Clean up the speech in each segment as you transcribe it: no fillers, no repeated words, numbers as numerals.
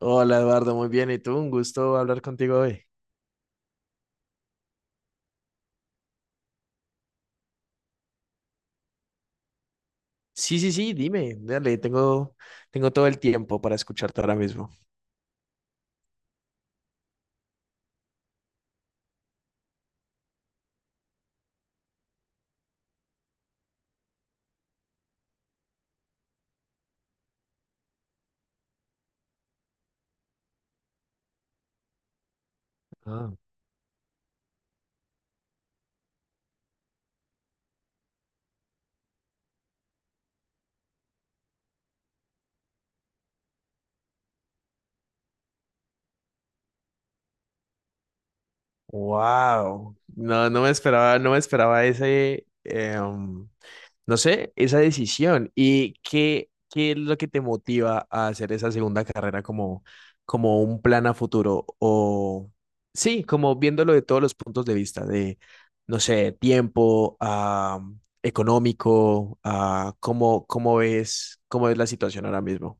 Hola Eduardo, muy bien. ¿Y tú? Un gusto hablar contigo hoy. Sí, sí, sí, dime, dale, tengo todo el tiempo para escucharte ahora mismo. Ah, wow. No, no me esperaba no sé, esa decisión. Y qué es lo que te motiva a hacer esa segunda carrera como un plan a futuro o sí, como viéndolo de todos los puntos de vista, de, no sé, tiempo, económico, cómo ves la situación ahora mismo.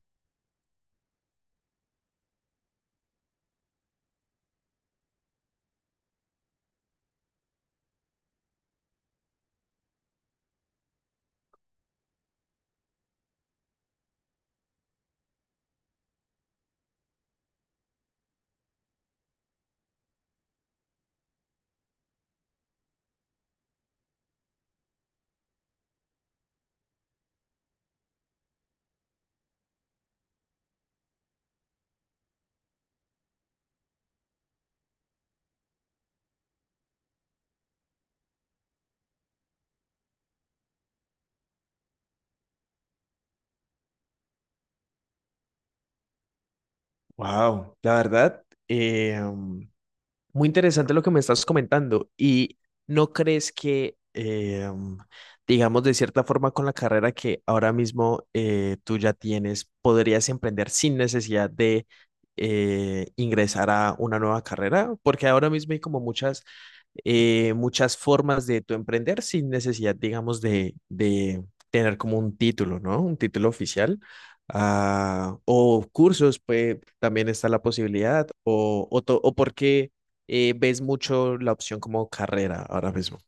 Wow, la verdad, eh, muy interesante lo que me estás comentando. ¿Y no crees que, digamos, de cierta forma con la carrera que ahora mismo tú ya tienes, podrías emprender sin necesidad de ingresar a una nueva carrera? Porque ahora mismo hay como muchas formas de tu emprender sin necesidad, digamos, de tener como un título, ¿no? Un título oficial. O cursos, pues también está la posibilidad, o por qué ves mucho la opción como carrera ahora mismo.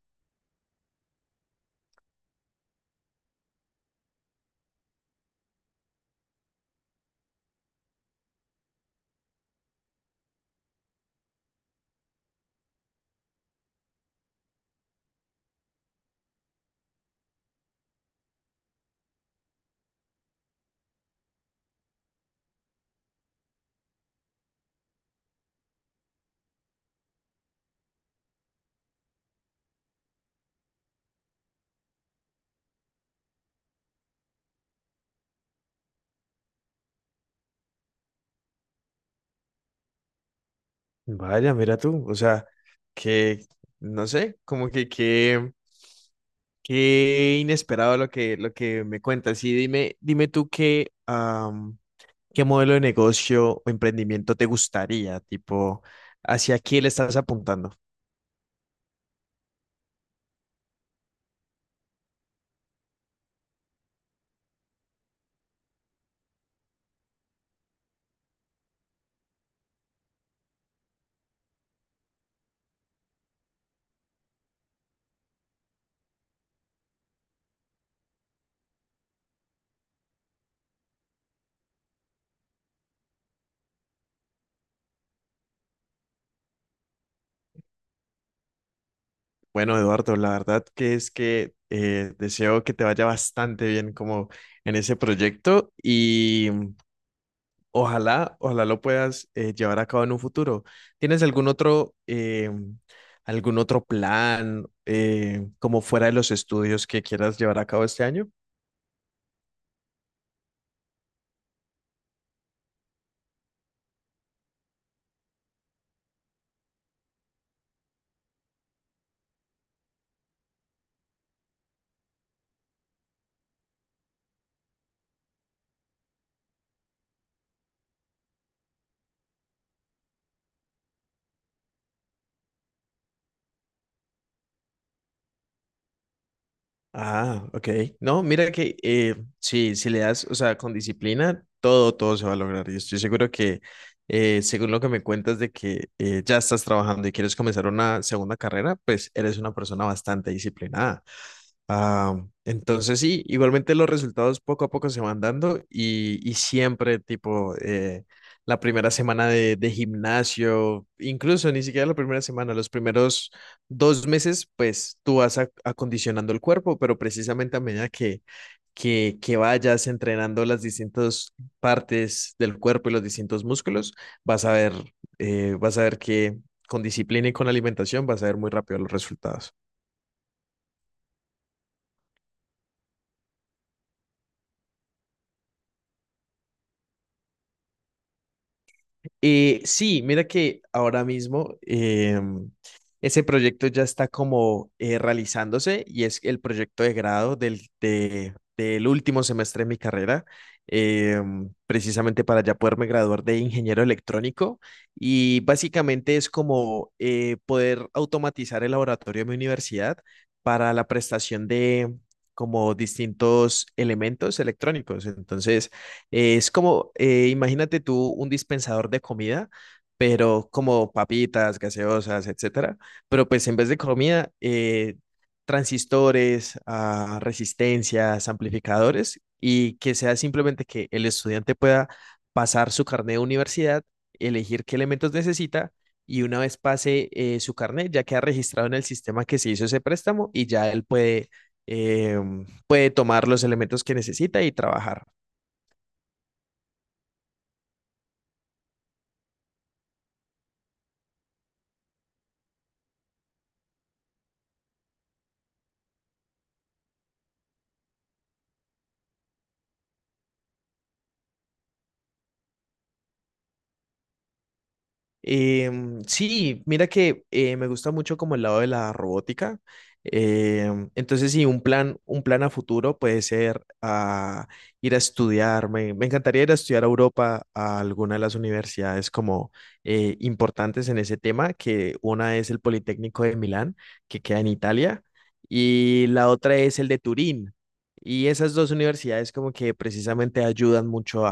Vaya, mira tú, o sea, que, no sé, como qué inesperado lo que me cuentas. Y dime tú qué modelo de negocio o emprendimiento te gustaría, tipo, hacia qué le estás apuntando. Bueno, Eduardo, la verdad que es que deseo que te vaya bastante bien como en ese proyecto y ojalá lo puedas llevar a cabo en un futuro. ¿Tienes algún otro plan como fuera de los estudios que quieras llevar a cabo este año? Ah, OK. No, mira que sí, si le das, o sea, con disciplina, todo, todo se va a lograr. Y estoy seguro que, según lo que me cuentas de que ya estás trabajando y quieres comenzar una segunda carrera, pues eres una persona bastante disciplinada. Ah, entonces sí, igualmente los resultados poco a poco se van dando y siempre tipo la primera semana de gimnasio, incluso ni siquiera la primera semana, los primeros dos meses, pues tú vas acondicionando el cuerpo, pero precisamente a medida que vayas entrenando las distintas partes del cuerpo y los distintos músculos, vas a ver, vas a ver que con disciplina y con alimentación vas a ver muy rápido los resultados. Sí, mira que ahora mismo ese proyecto ya está como realizándose y es el proyecto de grado del último semestre de mi carrera, precisamente para ya poderme graduar de ingeniero electrónico, y básicamente es como poder automatizar el laboratorio de mi universidad para la prestación de como distintos elementos electrónicos. Entonces, es como, imagínate tú un dispensador de comida, pero como papitas, gaseosas, etcétera. Pero pues en vez de comida, transistores, resistencias, amplificadores, y que sea simplemente que el estudiante pueda pasar su carnet de universidad, elegir qué elementos necesita, y una vez pase su carnet, ya queda registrado en el sistema que se hizo ese préstamo y ya él eh, puede tomar los elementos que necesita y trabajar. Sí, mira que me gusta mucho como el lado de la robótica. Entonces, sí, un plan a futuro puede ser ir a estudiar. Me encantaría ir a estudiar a Europa a alguna de las universidades como importantes en ese tema. Que una es el Politécnico de Milán, que queda en Italia, y la otra es el de Turín. Y esas dos universidades como que precisamente ayudan mucho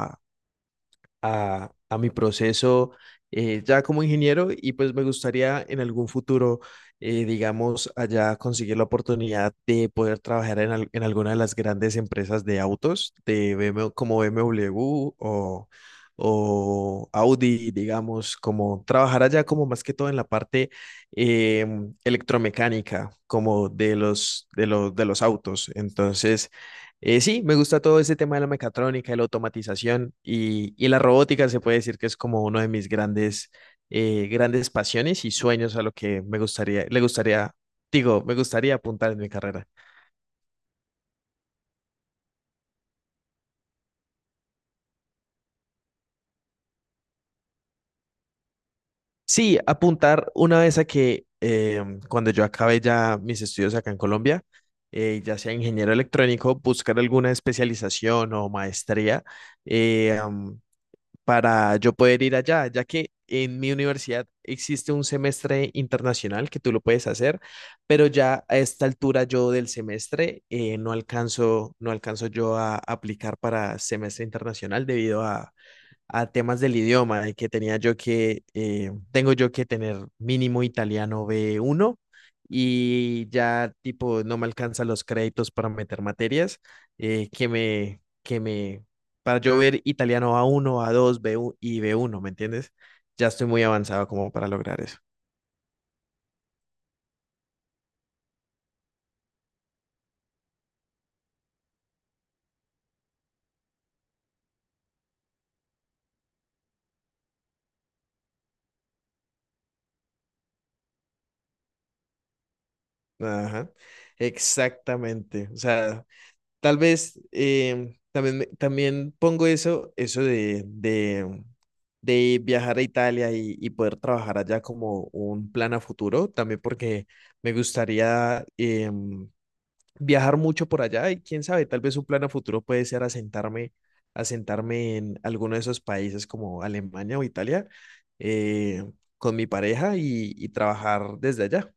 a mi proceso ya como ingeniero, y pues me gustaría en algún futuro, digamos, allá conseguir la oportunidad de poder trabajar en alguna de las grandes empresas de autos, de BMW, como BMW o, o Audi, digamos, como trabajar allá como más que todo en la parte electromecánica, como de los autos. Entonces. Sí, me gusta todo ese tema de la mecatrónica, de la automatización y la robótica se puede decir que es como uno de mis grandes pasiones y sueños, a lo que me gustaría, le gustaría, digo, me gustaría apuntar en mi carrera. Sí, apuntar una vez a que cuando yo acabe ya mis estudios acá en Colombia, ya sea ingeniero electrónico, buscar alguna especialización o maestría eh, am, para yo poder ir allá, ya que en mi universidad existe un semestre internacional que tú lo puedes hacer, pero ya a esta altura yo del semestre no alcanzo yo a aplicar para semestre internacional debido a temas del idioma, de que tengo yo que tener mínimo italiano B1, y ya tipo no me alcanzan los créditos para meter materias eh, que me, que me, para yo ver italiano A1 A2 B1 y B1. ¿Me entiendes? Ya estoy muy avanzado como para lograr eso. Ajá, exactamente. O sea, tal vez también pongo eso, de viajar a Italia y poder trabajar allá como un plan a futuro, también porque me gustaría viajar mucho por allá. Y quién sabe, tal vez un plan a futuro puede ser asentarme en alguno de esos países como Alemania o Italia, eh, con mi pareja y trabajar desde allá.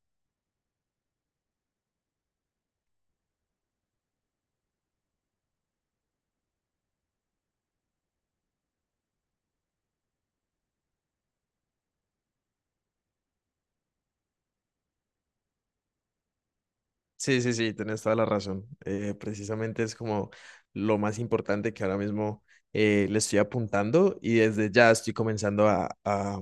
Sí, sí, sí, tienes toda la razón. Precisamente es como lo más importante que ahora mismo le estoy apuntando, y desde ya estoy comenzando a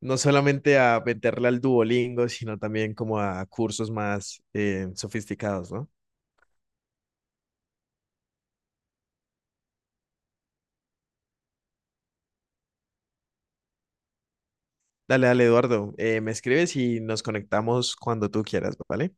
no solamente a meterle al Duolingo, sino también como a cursos más sofisticados, ¿no? Dale, dale, Eduardo, me escribes y nos conectamos cuando tú quieras, ¿vale?